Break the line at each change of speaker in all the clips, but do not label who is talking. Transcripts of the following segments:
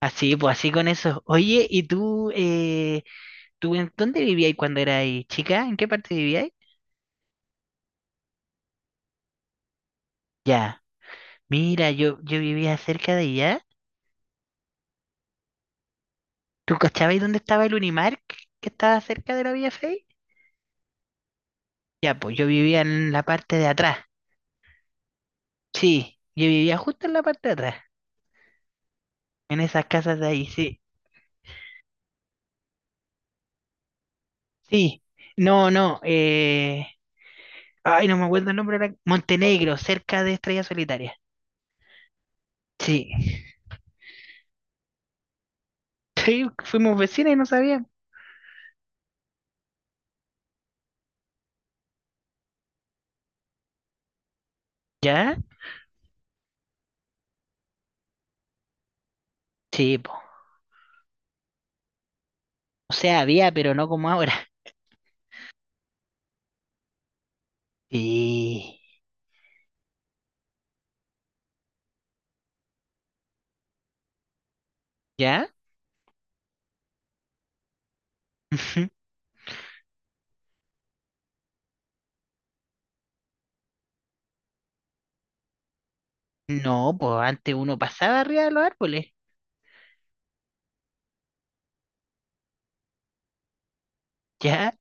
Así, pues así con eso. Oye, ¿y tú, tú en dónde vivías cuando eras chica? ¿En qué parte vivías? Ya, mira, yo vivía cerca de allá. ¿Tú cachabas dónde estaba el Unimark que estaba cerca de la Vía Fey? Ya, pues yo vivía en la parte de atrás. Sí, yo vivía justo en la parte de atrás, en esas casas de ahí, sí. Sí, no, no. Ay, no me acuerdo el nombre, Montenegro, cerca de Estrella Solitaria. Sí, sí, fuimos vecinos y no sabíamos. ¿Ya? Sí. O sea, había, pero no como ahora. Sí. ¿Ya? No, pues antes uno pasaba arriba de los árboles. ¿Ya?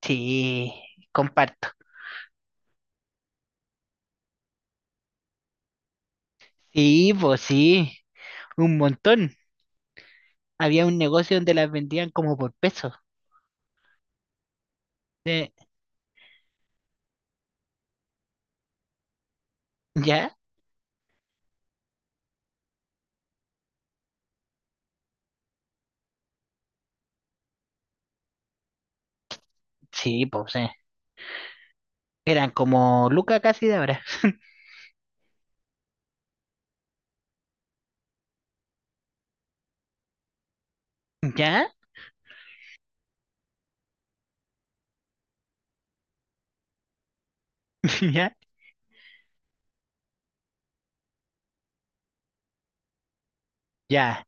Sí, comparto. Sí, pues sí, un montón. Había un negocio donde las vendían como por peso. Sí. ¿Ya? Sí, pues sí. Eran como lucas casi de ahora. ¿Ya? ¿Ya? Ya.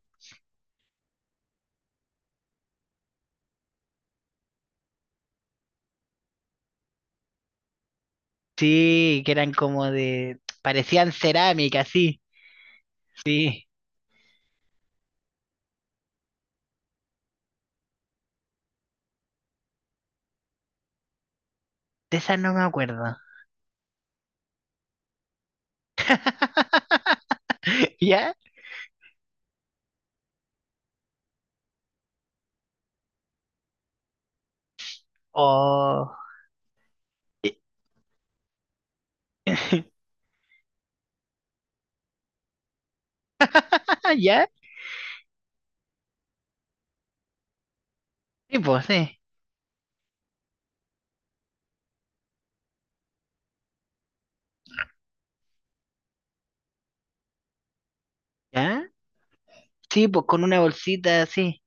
Sí, que eran como de... Parecían cerámica, sí. Sí. De esas no me acuerdo. ¿Ya? Oh. Ah, ya. Sí, pues, sí. ¿Ya? Sí, pues con una bolsita así.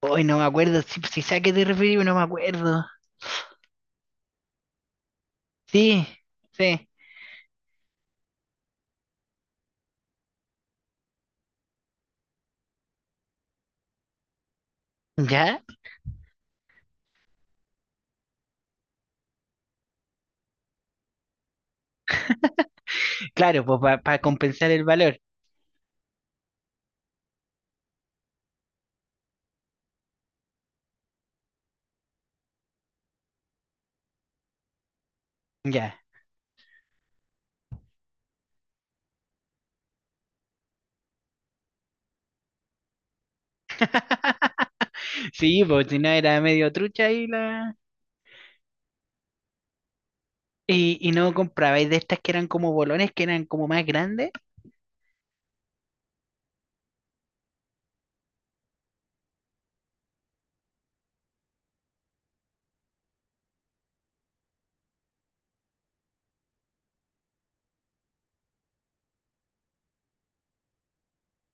Hoy no me acuerdo. Si, si sé a qué te referí, no me acuerdo. Sí, sí. ¿Ya? Claro, pues para compensar el valor. Ya. Sí, pues si no era medio trucha y la. Y no compraba. Y de estas que eran como bolones, que eran como más grandes.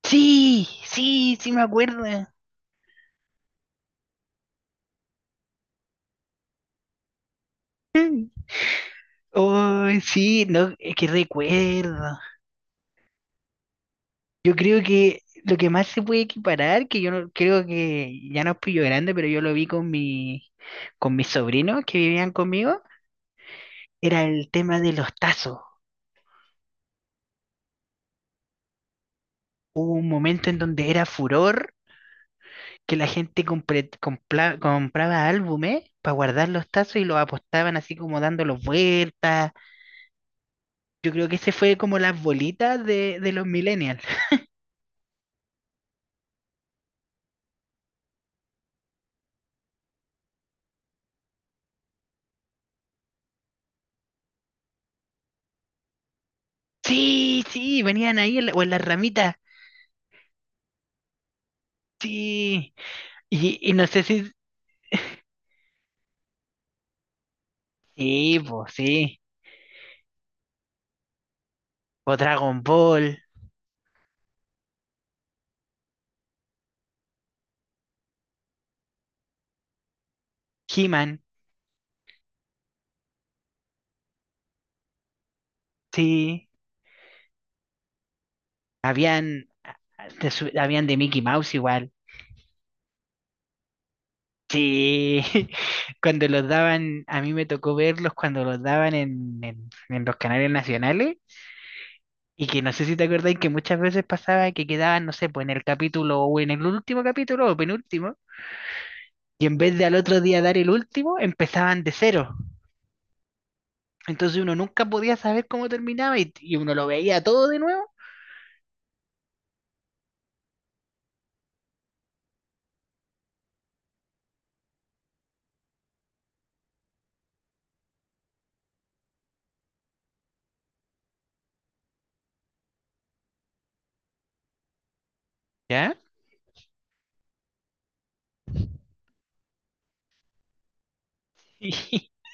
Sí, sí, sí me acuerdo. Mm. Oh, sí, no, es que recuerdo. Yo creo que lo que más se puede equiparar, que yo no- creo que ya no es pillo grande, pero yo lo vi con mis sobrinos que vivían conmigo, era el tema de los tazos. Hubo un momento en donde era furor que la gente compraba álbumes para guardar los tazos y los apostaban así como dándolos vueltas. Yo creo que ese fue como las bolitas de los millennials. Sí, sí, venían ahí o en las ramitas. Sí. Y no sé si... Sí, pues sí. O Dragon Ball, He-Man, sí, habían habían de Mickey Mouse igual, sí, cuando los daban, a mí me tocó verlos cuando los daban en los canales nacionales. Y que no sé si te acordáis que muchas veces pasaba que quedaban, no sé, pues en el capítulo o en el último capítulo o penúltimo, y en vez de al otro día dar el último, empezaban de cero. Entonces uno nunca podía saber cómo terminaba y uno lo veía todo de nuevo, ¿ya?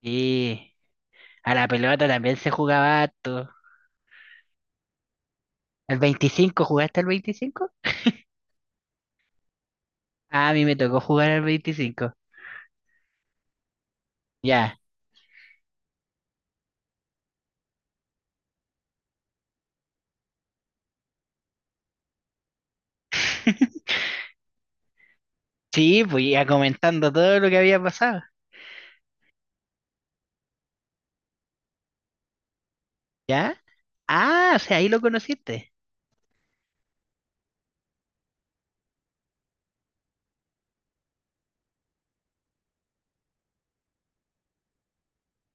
Y, a la pelota también se jugaba harto. ¿El 25? ¿Jugaste al 25? Ah, a mí me tocó jugar al 25. Ya. Sí, pues ya comentando todo lo que había pasado. ¿Ya? Ah, o sea, ahí lo conociste.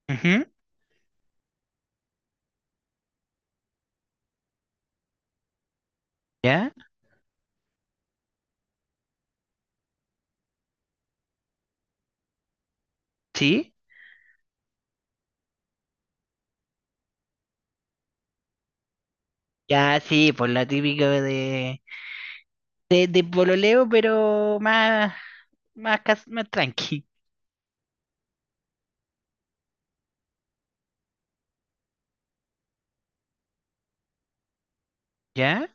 Ujú. ¿Ya? ¿Sí? Ya, sí, por la típica de pololeo, pero más, más tranqui. ¿Ya?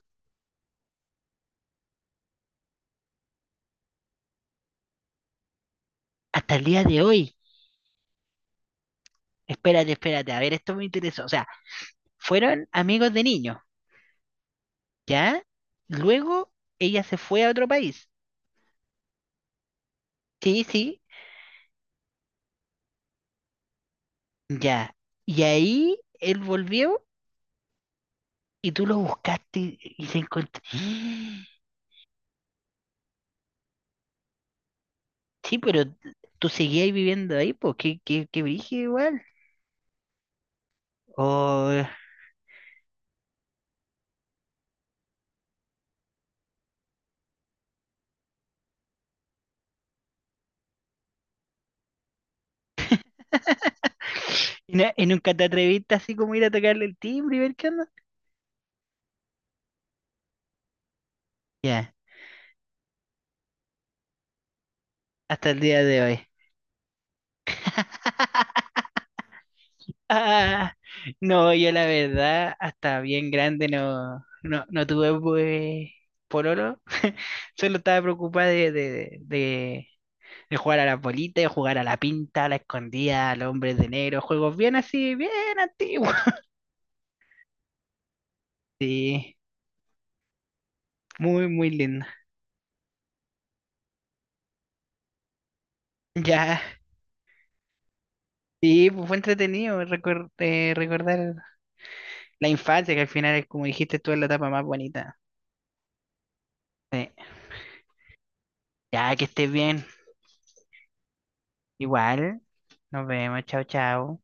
Hasta el día de hoy. Espérate, espérate, a ver, esto me interesó. O sea, fueron amigos de niño. ¿Ya? Luego ella se fue a otro país. Sí, sí, ya. Y ahí él volvió y tú lo buscaste y se encontró. Sí, pero tú seguías viviendo ahí, pues qué, qué, qué brígido igual. O y nunca te atreviste así como ir a tocarle el timbre y ver qué onda. Ya, hasta el día de hoy. Ah, no, yo la verdad, hasta bien grande no, no, no tuve pues, pololo. Solo estaba preocupada de jugar a la bolita, de jugar a la pinta, a la escondida, al hombre de negro. Juegos bien así, bien antiguos. Sí, muy, muy lindo. Ya, sí, pues fue entretenido recordar la infancia, que al final, es, como dijiste tú, es la etapa más bonita. Sí. Ya, que estés bien. Igual, nos vemos, chao, chao.